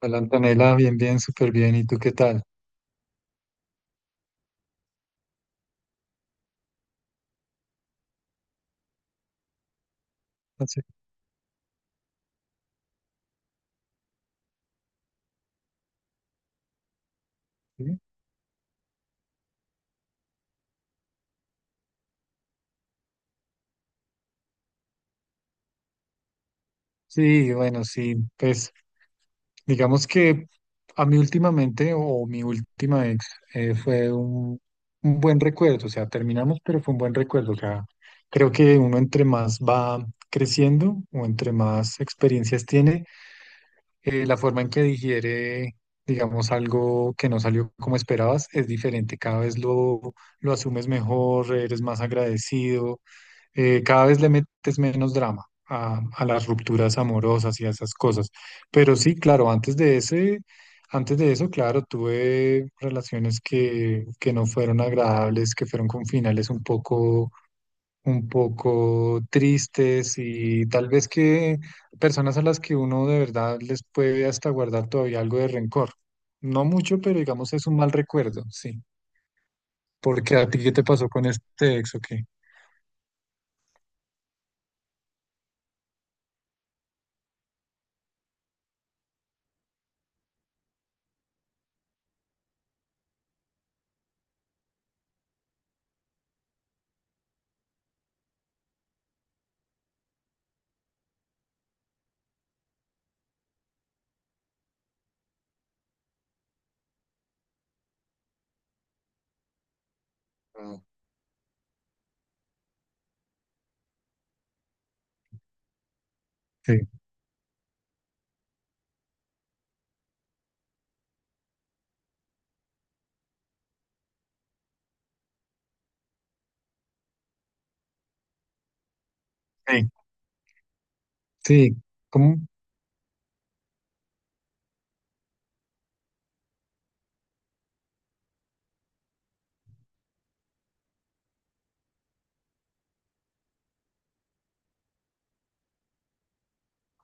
Hola Antonella, bien, súper bien. ¿Y tú qué tal? Así, ¿sí? Sí, bueno, pues digamos que a mí últimamente o mi última ex fue un buen recuerdo, o sea, terminamos, pero fue un buen recuerdo, o sea, creo que uno entre más va creciendo o entre más experiencias tiene, la forma en que digiere, digamos, algo que no salió como esperabas es diferente, lo asumes mejor, eres más agradecido. Cada vez le metes menos drama a las rupturas amorosas y a esas cosas. Pero sí, claro, antes de eso, claro, tuve relaciones que no fueron agradables, que fueron con finales un poco tristes y tal vez que personas a las que uno de verdad les puede hasta guardar todavía algo de rencor. No mucho, pero digamos es un mal recuerdo, sí. Porque a ti, ¿qué te pasó con este ex o qué? Mm. Sí. Sí. Sí, ¿cómo?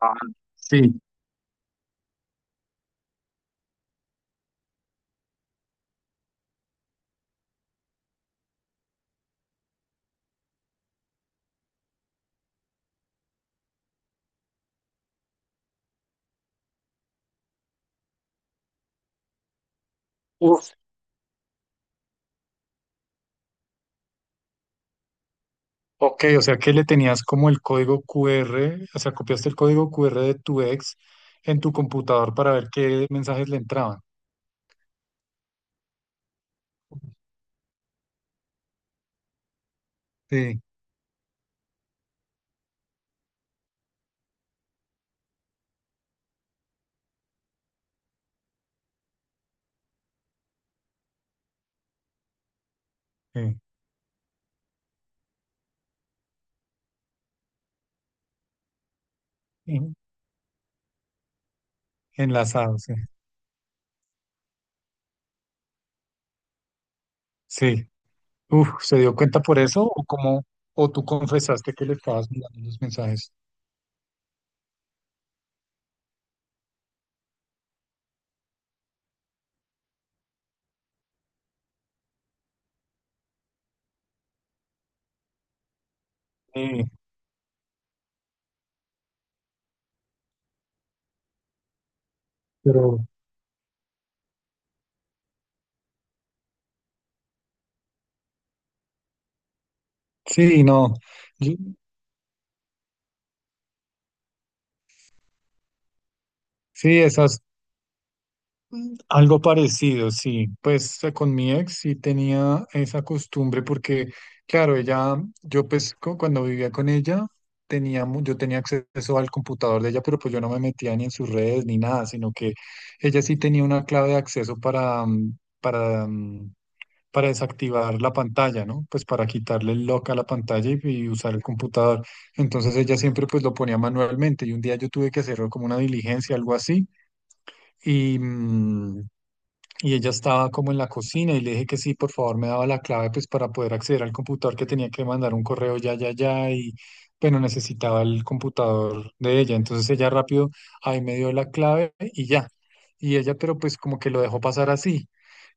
Ah, sí. Uf. Ok, o sea que le tenías como el código QR, o sea, copiaste el código QR de tu ex en tu computador para ver qué mensajes le entraban. Sí, sí. en- Enlazado, sí. Sí. Uf, ¿se dio cuenta por eso? ¿O cómo? ¿O tú confesaste que le estabas mirando los mensajes? Sí, pero sí, no. Yo- sí, esas. Mm, algo parecido, sí. Pues con mi ex sí tenía esa costumbre porque, claro, ella, yo pues cuando vivía con ella, teníamos, yo tenía acceso al computador de ella, pero pues yo no me metía ni en sus redes ni nada, sino que ella sí tenía una clave de acceso para desactivar la pantalla, ¿no? Pues para quitarle el lock a la pantalla y usar el computador. Entonces ella siempre pues lo ponía manualmente y un día yo tuve que hacer como una diligencia, algo así. Y, mm, y ella estaba como en la cocina y le dije que sí, por favor, me daba la clave pues para poder acceder al computador que tenía que mandar un correo ya y bueno, necesitaba el computador de ella. Entonces ella rápido ahí me dio la clave y ya. Y ella, pero pues como que lo dejó pasar así.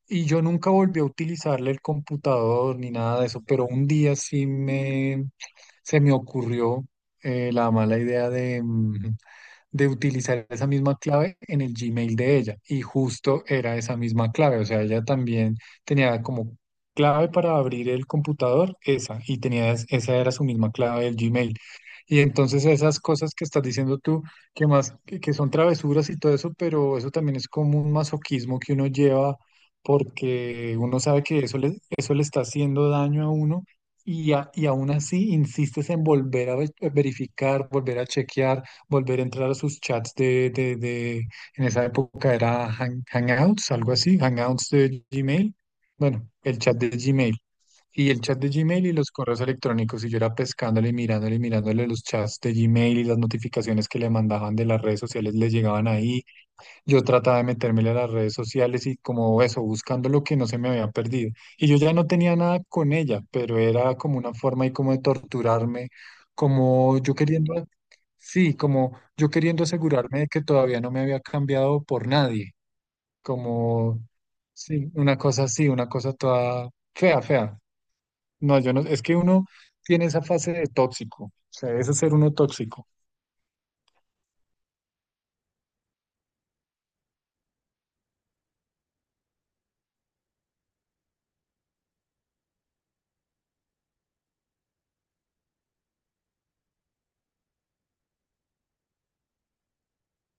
Y yo nunca volví a utilizarle el computador ni nada de eso, pero un día sí me se me ocurrió la mala idea de utilizar esa misma clave en el Gmail de ella. Y justo era esa misma clave. O sea, ella también tenía como clave para abrir el computador, esa, y tenía, esa era su misma clave del Gmail. Y entonces esas cosas que estás diciendo tú, que son travesuras y todo eso, pero eso también es como un masoquismo que uno lleva porque uno sabe que eso le está haciendo daño a uno y aún así insistes en volver a verificar, volver a chequear, volver a entrar a sus chats en esa época era Hangouts, algo así, Hangouts de Gmail. Bueno, el chat de Gmail. Y el chat de Gmail y los correos electrónicos. Y yo era pescándole, y mirándole los chats de Gmail y las notificaciones que le mandaban de las redes sociales le llegaban ahí. Yo trataba de meterme a las redes sociales y como eso, buscando lo que no se me había perdido. Y yo ya no tenía nada con ella, pero era como una forma y como de torturarme, como yo sí, como yo queriendo asegurarme de que todavía no me había cambiado por nadie, como, sí, una cosa así, una cosa toda fea, fea. No, yo no, es que uno tiene esa fase de tóxico, o sea, es ser uno tóxico.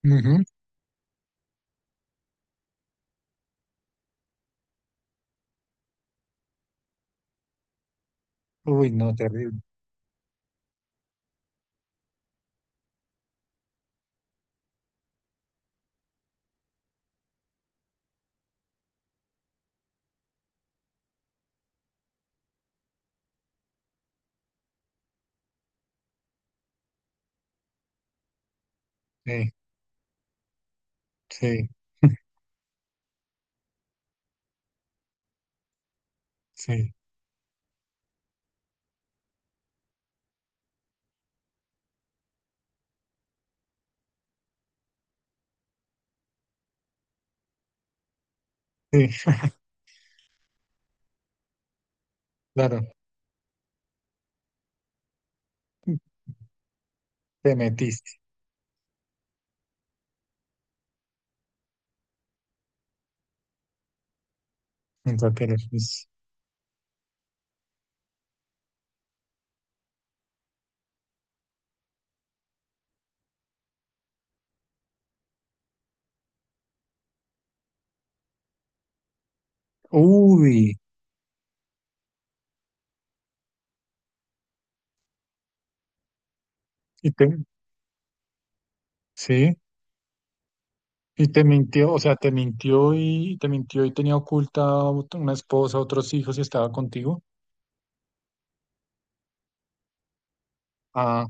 Ujú. Uy, no, terrible. Sí, sí, sí. Sí. Claro, te metiste en cualquier pues. Uy, y te, sí, y te mintió, o sea, te mintió y tenía oculta una esposa, otros hijos y estaba contigo. Ah,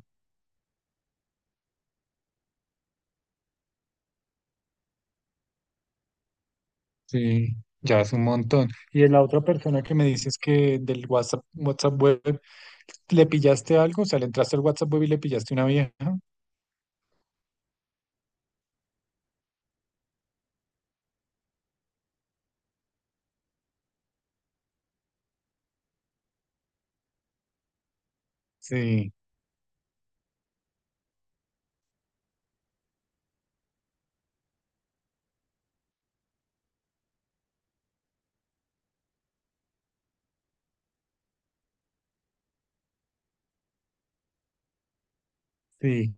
sí, ya es un montón. Y de la otra persona que me dices que del WhatsApp web, ¿le pillaste algo? O sea, le entraste al WhatsApp web y le pillaste una vieja. Sí, sí.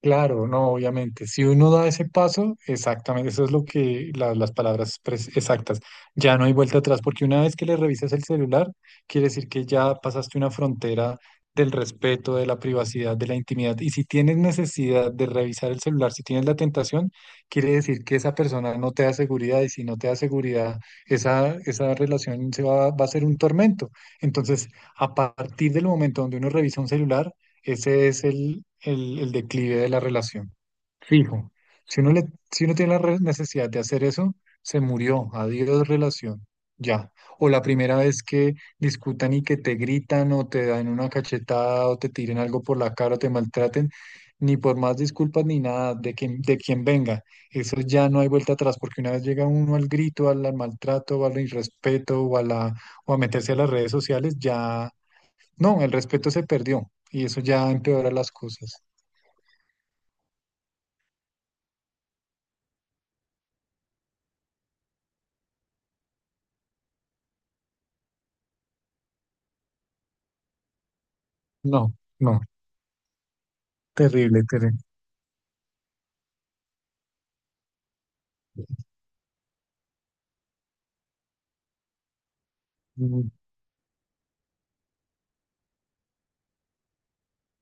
Claro, no, obviamente. Si uno da ese paso, exactamente, eso es lo que las palabras exactas. Ya no hay vuelta atrás, porque una vez que le revisas el celular, quiere decir que ya pasaste una frontera del respeto, de la privacidad, de la intimidad. Y si tienes necesidad de revisar el celular, si tienes la tentación, quiere decir que esa persona no te da seguridad y si no te da seguridad, esa relación se va, va a ser un tormento. Entonces, a partir del momento donde uno revisa un celular, ese es el declive de la relación. Fijo. Si uno le, si uno tiene la necesidad de hacer eso, se murió. Adiós relación. Ya. O la primera vez que discutan y que te gritan o te dan una cachetada o te tiren algo por la cara o te maltraten, ni por más disculpas ni nada de quien, de quien venga. Eso ya no hay vuelta atrás, porque una vez llega uno al grito, al maltrato, o al irrespeto o a o a meterse a las redes sociales, ya no, el respeto se perdió y eso ya empeora las cosas. No, no, terrible, terrible. Mm.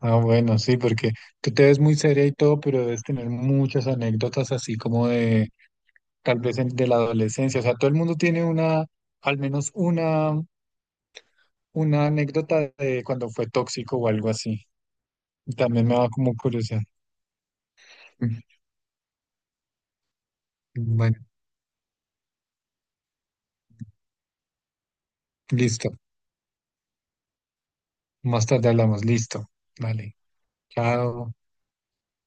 Ah, bueno, sí, porque tú te ves muy seria y todo, pero debes tener muchas anécdotas así como de, tal vez de la adolescencia. O sea, todo el mundo tiene una, al menos una anécdota de cuando fue tóxico o algo así. Y también me da como curiosidad. Mm, bueno, listo. Más tarde hablamos. Listo. Vale. Chao.